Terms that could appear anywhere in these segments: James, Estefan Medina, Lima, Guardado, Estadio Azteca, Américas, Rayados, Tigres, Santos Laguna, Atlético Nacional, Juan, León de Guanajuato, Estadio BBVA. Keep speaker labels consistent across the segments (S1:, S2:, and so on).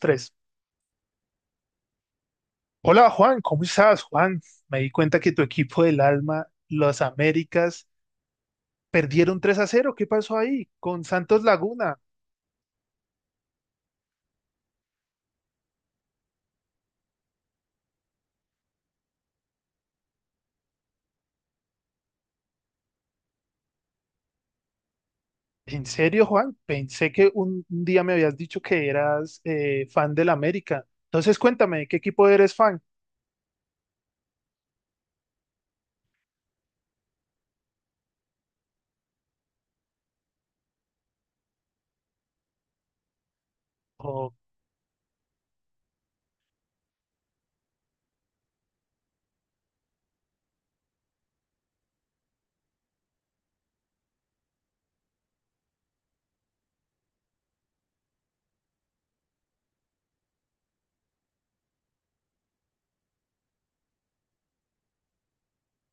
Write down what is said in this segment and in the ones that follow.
S1: Tres. Hola Juan, ¿cómo estás? Juan, me di cuenta que tu equipo del alma, los Américas, perdieron 3 a cero. ¿Qué pasó ahí con Santos Laguna? ¿En serio, Juan? Pensé que un día me habías dicho que eras fan del América. Entonces cuéntame, ¿qué equipo eres fan? O-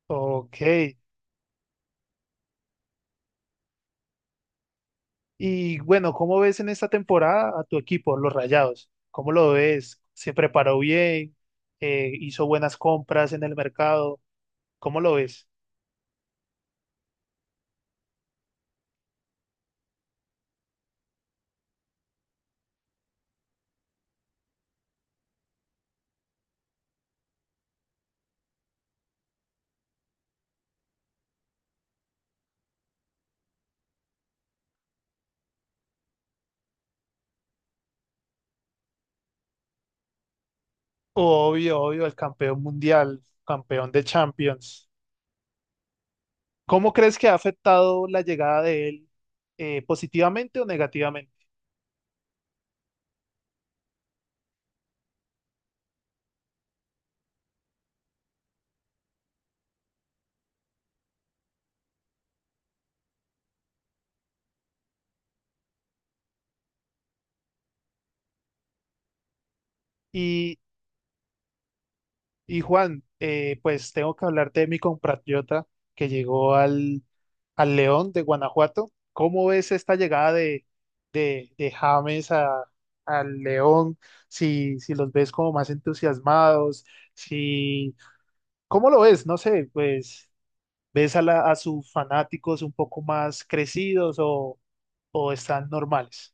S1: ok. Y bueno, ¿cómo ves en esta temporada a tu equipo, los Rayados? ¿Cómo lo ves? ¿Se preparó bien? ¿Hizo buenas compras en el mercado? ¿Cómo lo ves? Obvio, obvio, el campeón mundial, campeón de Champions. ¿Cómo crees que ha afectado la llegada de él, positivamente o negativamente? Y, y Juan, pues tengo que hablarte de mi compatriota que llegó al León de Guanajuato. ¿Cómo ves esta llegada de James al León? Si, si los ves como más entusiasmados, si, ¿cómo lo ves? No sé, pues ¿ves a, a sus fanáticos un poco más crecidos o están normales?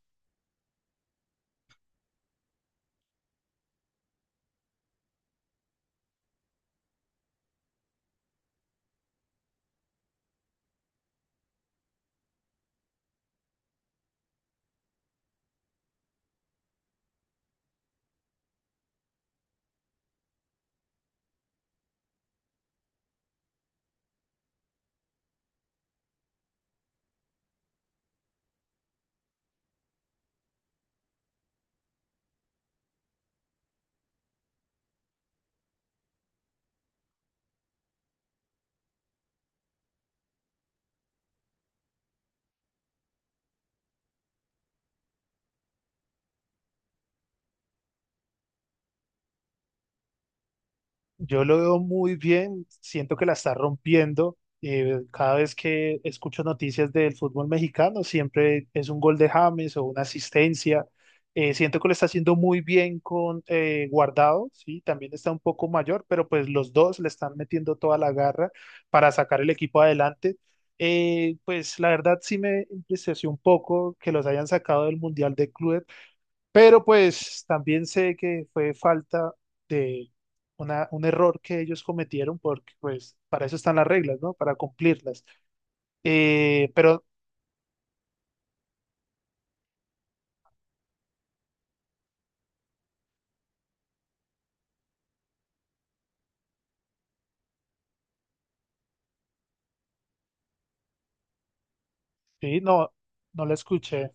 S1: Yo lo veo muy bien, siento que la está rompiendo. Cada vez que escucho noticias del fútbol mexicano, siempre es un gol de James o una asistencia. Siento que lo está haciendo muy bien con Guardado, sí, también está un poco mayor, pero pues los dos le están metiendo toda la garra para sacar el equipo adelante. Pues la verdad sí me impresionó un poco que los hayan sacado del Mundial de Clubes, pero pues también sé que fue falta de un error que ellos cometieron porque pues para eso están las reglas, ¿no? Para cumplirlas. Pero sí, no, no la escuché.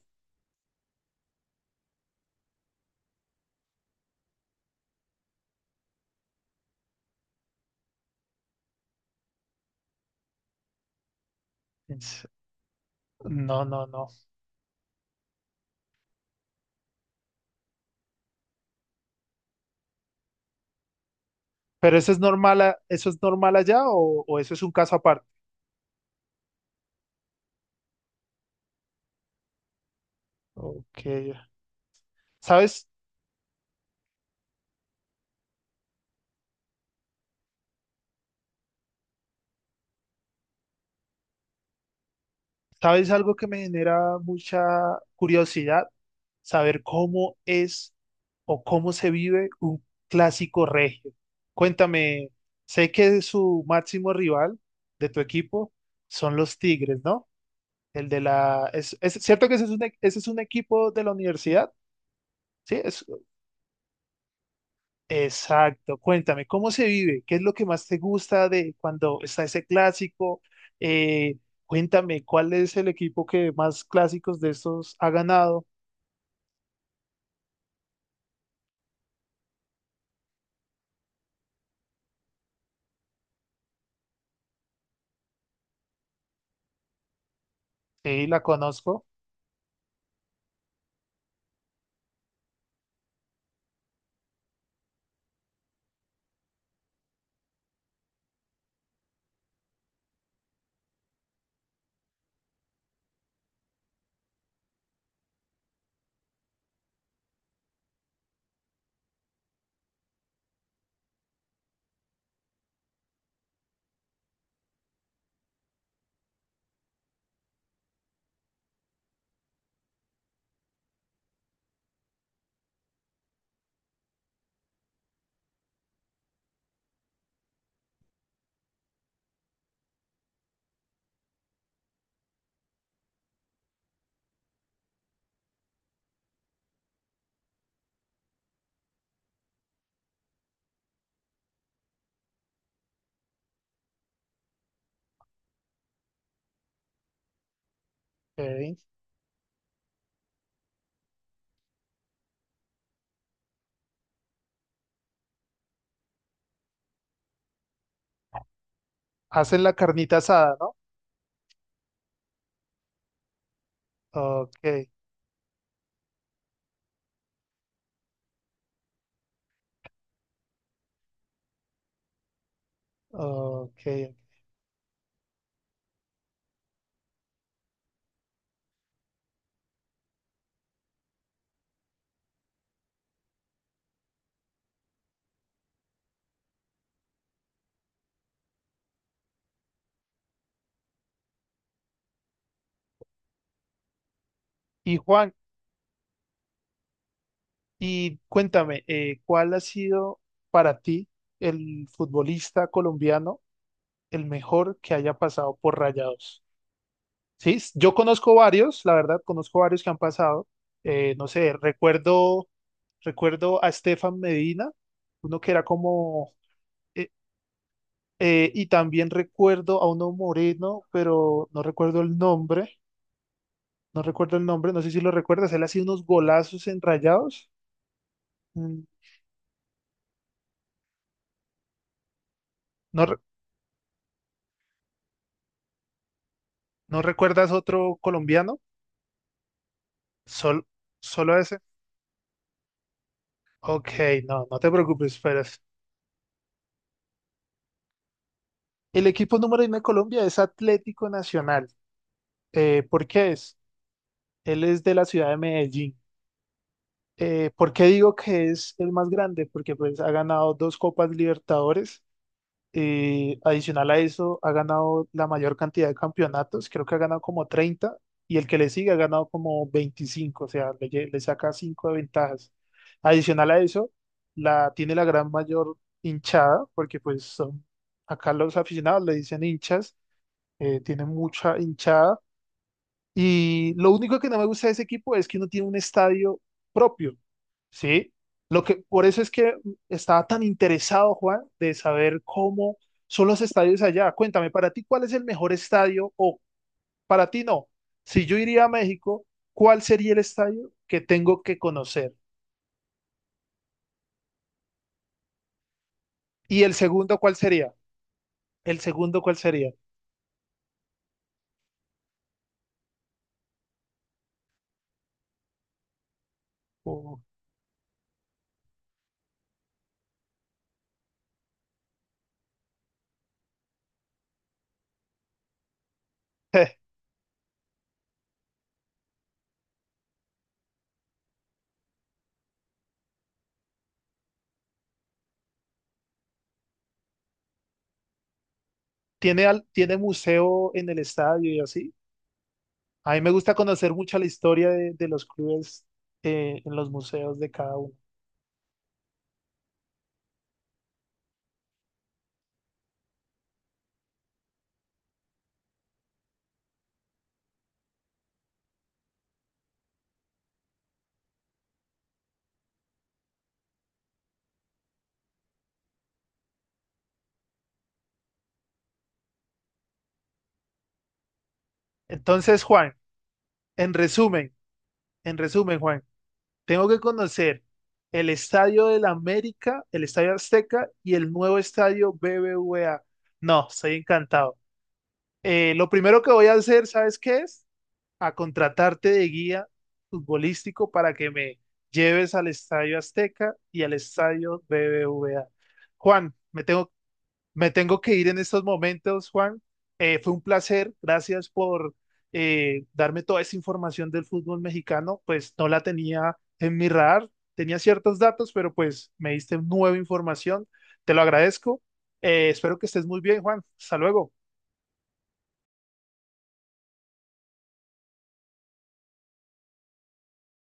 S1: Es- No, no, no. Pero eso es normal, eso es normal allá o eso es un caso aparte. Ok. ¿Sabes? ¿Sabes algo que me genera mucha curiosidad? Saber cómo es o cómo se vive un clásico regio. Cuéntame, sé que su máximo rival de tu equipo son los Tigres, ¿no? El de la... es cierto que ese es un, ese es un equipo de la universidad? Sí, es. Exacto, cuéntame, ¿cómo se vive? ¿Qué es lo que más te gusta de cuando está ese clásico? Eh, Cuéntame, ¿cuál es el equipo que más clásicos de estos ha ganado? Sí, la conozco. Ok. Hacen la carnita asada, ¿no? Ok, ok. Ok. Y Juan, y cuéntame, ¿cuál ha sido para ti el futbolista colombiano el mejor que haya pasado por Rayados? Sí, yo conozco varios, la verdad, conozco varios que han pasado. No sé, recuerdo a Estefan Medina, uno que era como, eh, y también recuerdo a uno moreno, pero no recuerdo el nombre, no recuerdo el nombre, no sé si lo recuerdas, él hacía unos golazos enrayados. Mm, ¿no, no recuerdas otro colombiano? Sol- solo ese. Ok, no, no te preocupes, el equipo número uno de Colombia es Atlético Nacional. ¿Por qué es? Él es de la ciudad de Medellín. ¿Por qué digo que es el más grande? Porque pues ha ganado dos Copas Libertadores. Adicional a eso, ha ganado la mayor cantidad de campeonatos. Creo que ha ganado como 30 y el que le sigue ha ganado como 25. O sea, le saca 5 de ventajas. Adicional a eso, la, tiene la gran mayor hinchada porque pues son, acá los aficionados le dicen hinchas. Tiene mucha hinchada y lo único que no me gusta de ese equipo es que no tiene un estadio propio, ¿sí? Lo que, por eso es que estaba tan interesado, Juan, de saber cómo son los estadios allá. Cuéntame, para ti, ¿cuál es el mejor estadio? O para ti no, si yo iría a México, ¿cuál sería el estadio que tengo que conocer? Y el segundo, ¿cuál sería? El segundo, ¿cuál sería? Oh, eh, ¿tiene, tiene museo en el estadio y así? A mí me gusta conocer mucho la historia de los clubes, en los museos de cada uno. Entonces, Juan, en resumen, en resumen, Juan, tengo que conocer el Estadio del América, el Estadio Azteca y el nuevo Estadio BBVA. No, estoy encantado. Lo primero que voy a hacer, ¿sabes qué es? A contratarte de guía futbolístico para que me lleves al Estadio Azteca y al Estadio BBVA. Juan, me tengo Me tengo que ir en estos momentos, Juan. Fue un placer. Gracias por darme toda esa información del fútbol mexicano. Pues no la tenía en mi radar. Tenía ciertos datos, pero pues me diste nueva información. Te lo agradezco. Espero que estés muy bien, Juan. Hasta luego.